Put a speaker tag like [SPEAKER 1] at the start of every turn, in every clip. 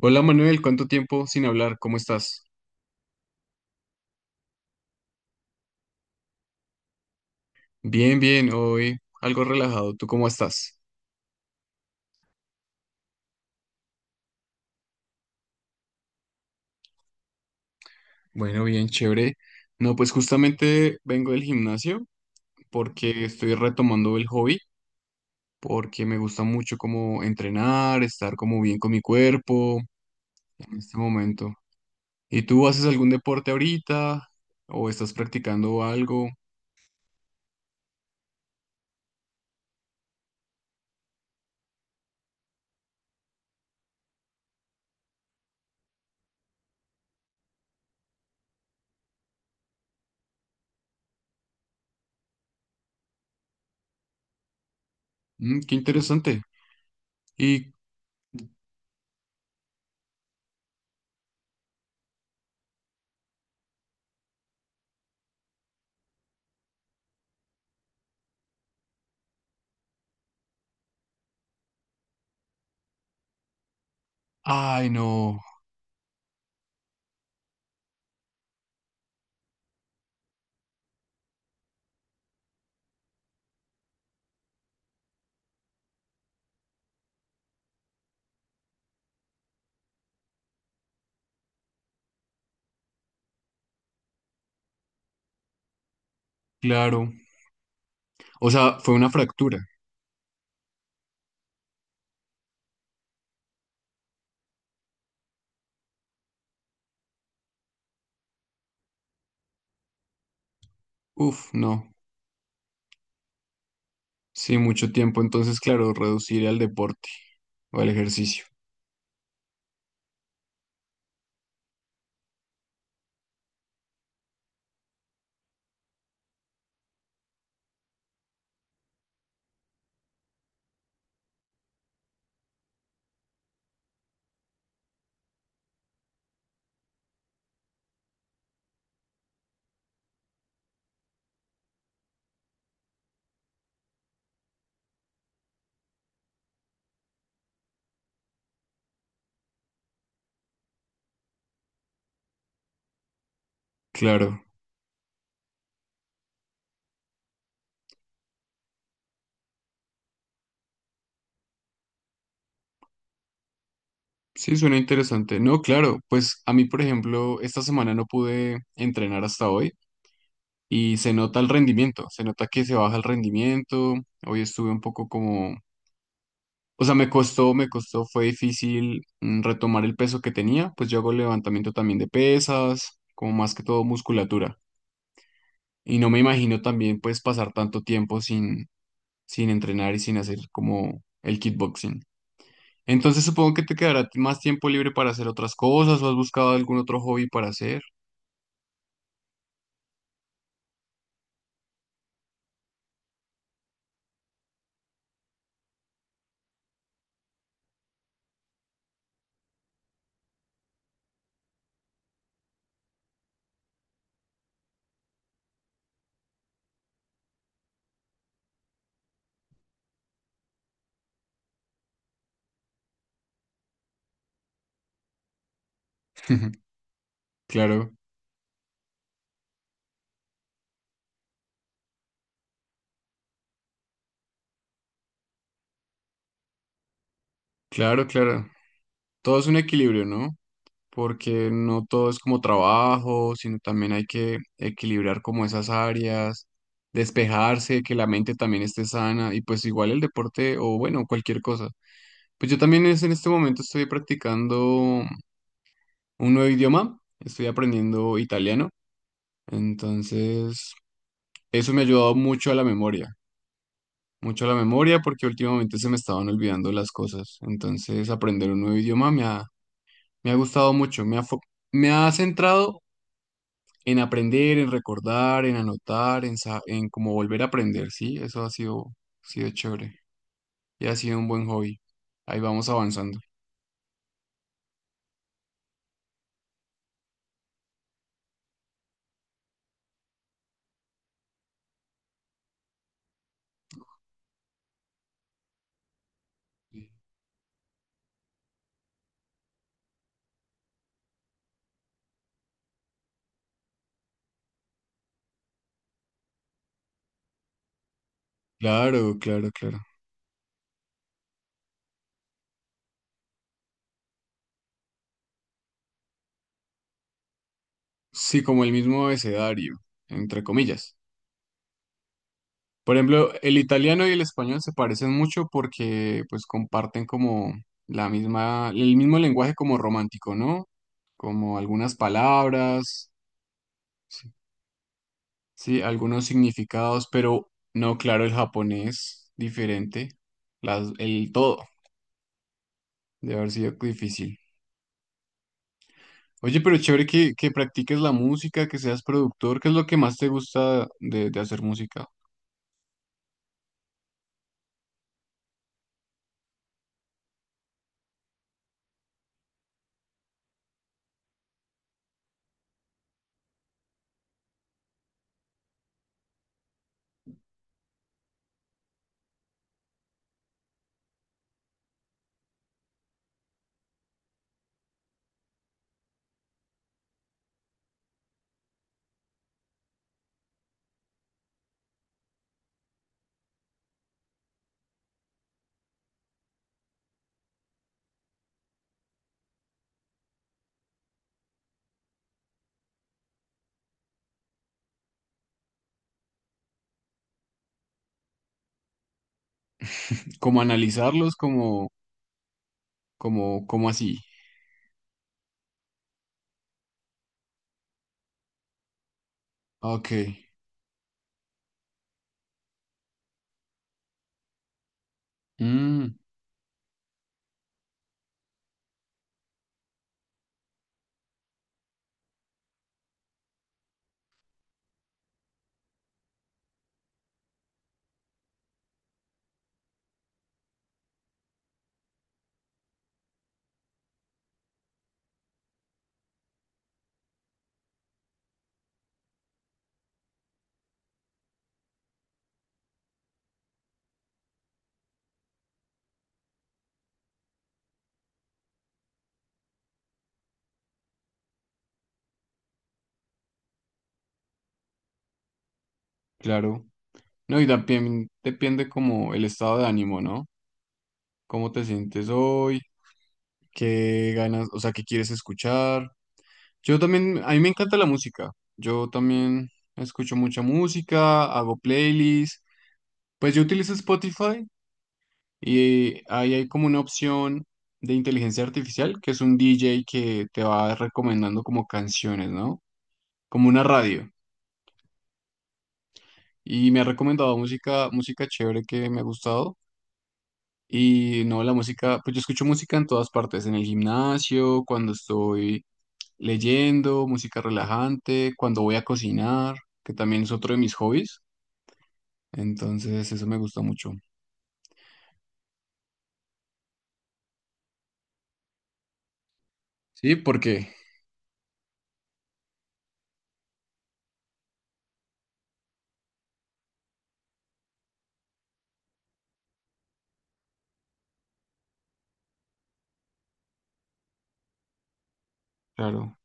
[SPEAKER 1] Hola Manuel, ¿cuánto tiempo sin hablar? ¿Cómo estás? Bien, bien, hoy algo relajado. ¿Tú cómo estás? Bueno, bien, chévere. No, pues justamente vengo del gimnasio porque estoy retomando el hobby, porque me gusta mucho como entrenar, estar como bien con mi cuerpo en este momento. ¿Y tú haces algún deporte ahorita o estás practicando algo? Mm, qué interesante. Y, ay, no, claro. O sea, ¿fue una fractura? Uf, no. Sí, mucho tiempo. Entonces, claro, reducir al deporte o al ejercicio. Claro. Sí, suena interesante. No, claro. Pues a mí, por ejemplo, esta semana no pude entrenar hasta hoy y se nota el rendimiento. Se nota que se baja el rendimiento. Hoy estuve un poco como... O sea, me costó, fue difícil retomar el peso que tenía. Pues yo hago levantamiento también de pesas, como más que todo musculatura. Y no me imagino también pues pasar tanto tiempo sin entrenar y sin hacer como el kickboxing. Entonces supongo que te quedará más tiempo libre para hacer otras cosas o has buscado algún otro hobby para hacer. Claro, claro, claro. Todo es un equilibrio, ¿no? Porque no todo es como trabajo, sino también hay que equilibrar como esas áreas, despejarse, que la mente también esté sana y pues igual el deporte o bueno, cualquier cosa. Pues yo también es, en este momento estoy practicando un nuevo idioma, estoy aprendiendo italiano, entonces eso me ha ayudado mucho a la memoria. Mucho la memoria porque últimamente se me estaban olvidando las cosas. Entonces, aprender un nuevo idioma me ha gustado mucho, me ha centrado en aprender, en recordar, en anotar, en como volver a aprender, ¿sí? Sido chévere y ha sido un buen hobby. Ahí vamos avanzando. Claro, claro, claro. Sí, como el mismo abecedario, entre comillas. Por ejemplo, el italiano y el español se parecen mucho porque pues comparten como el mismo lenguaje como romántico, ¿no? Como algunas palabras, sí, algunos significados, pero no, claro, el japonés diferente, el todo, de haber sido difícil. Oye, pero chévere que practiques la música, que seas productor, ¿qué es lo que más te gusta de hacer música? Como analizarlos, como así. Ok. Mm, claro. No, y también depende como el estado de ánimo, ¿no? ¿Cómo te sientes hoy? ¿Qué ganas, o sea, qué quieres escuchar? Yo también, a mí me encanta la música. Yo también escucho mucha música, hago playlists. Pues yo utilizo Spotify y ahí hay como una opción de inteligencia artificial, que es un DJ que te va recomendando como canciones, ¿no? Como una radio. Y me ha recomendado música, música chévere que me ha gustado. Y no, la música, pues yo escucho música en todas partes, en el gimnasio, cuando estoy leyendo, música relajante, cuando voy a cocinar, que también es otro de mis hobbies. Entonces, eso me gusta mucho. Sí, porque, claro,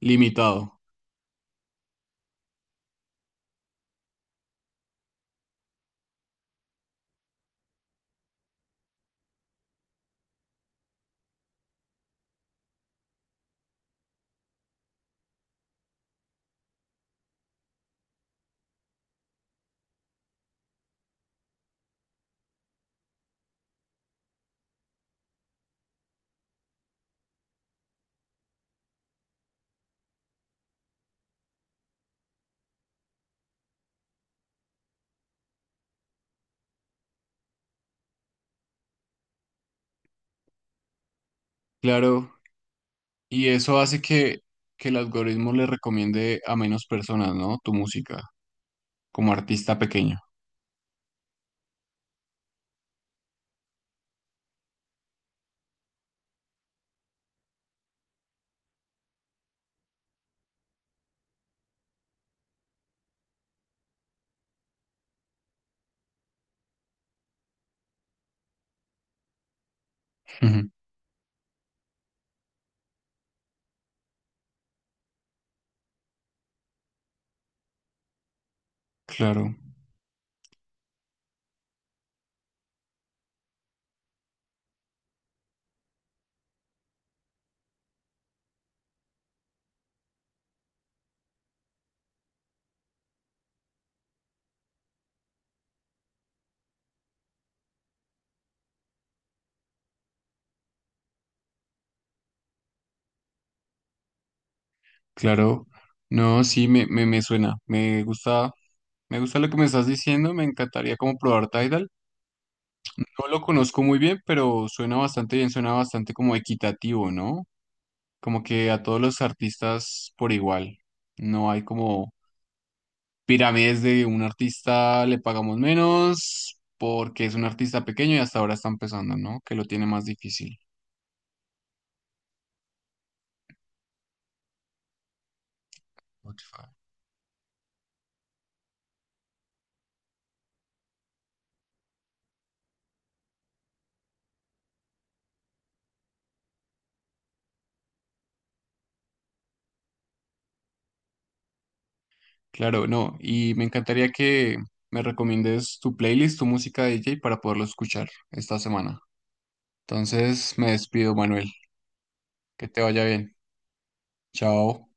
[SPEAKER 1] limitado, claro. Y eso hace que el algoritmo le recomiende a menos personas, ¿no? Tu música, como artista pequeño. Ujú. Claro. Claro, no, sí, me suena, me gusta lo que me estás diciendo, me encantaría como probar Tidal. No lo conozco muy bien, pero suena bastante bien, suena bastante como equitativo, ¿no? Como que a todos los artistas por igual. No hay como pirámides de un artista le pagamos menos porque es un artista pequeño y hasta ahora está empezando, ¿no? Que lo tiene más difícil. Claro, no, y me encantaría que me recomiendes tu playlist, tu música de DJ para poderlo escuchar esta semana. Entonces, me despido, Manuel. Que te vaya bien. Chao.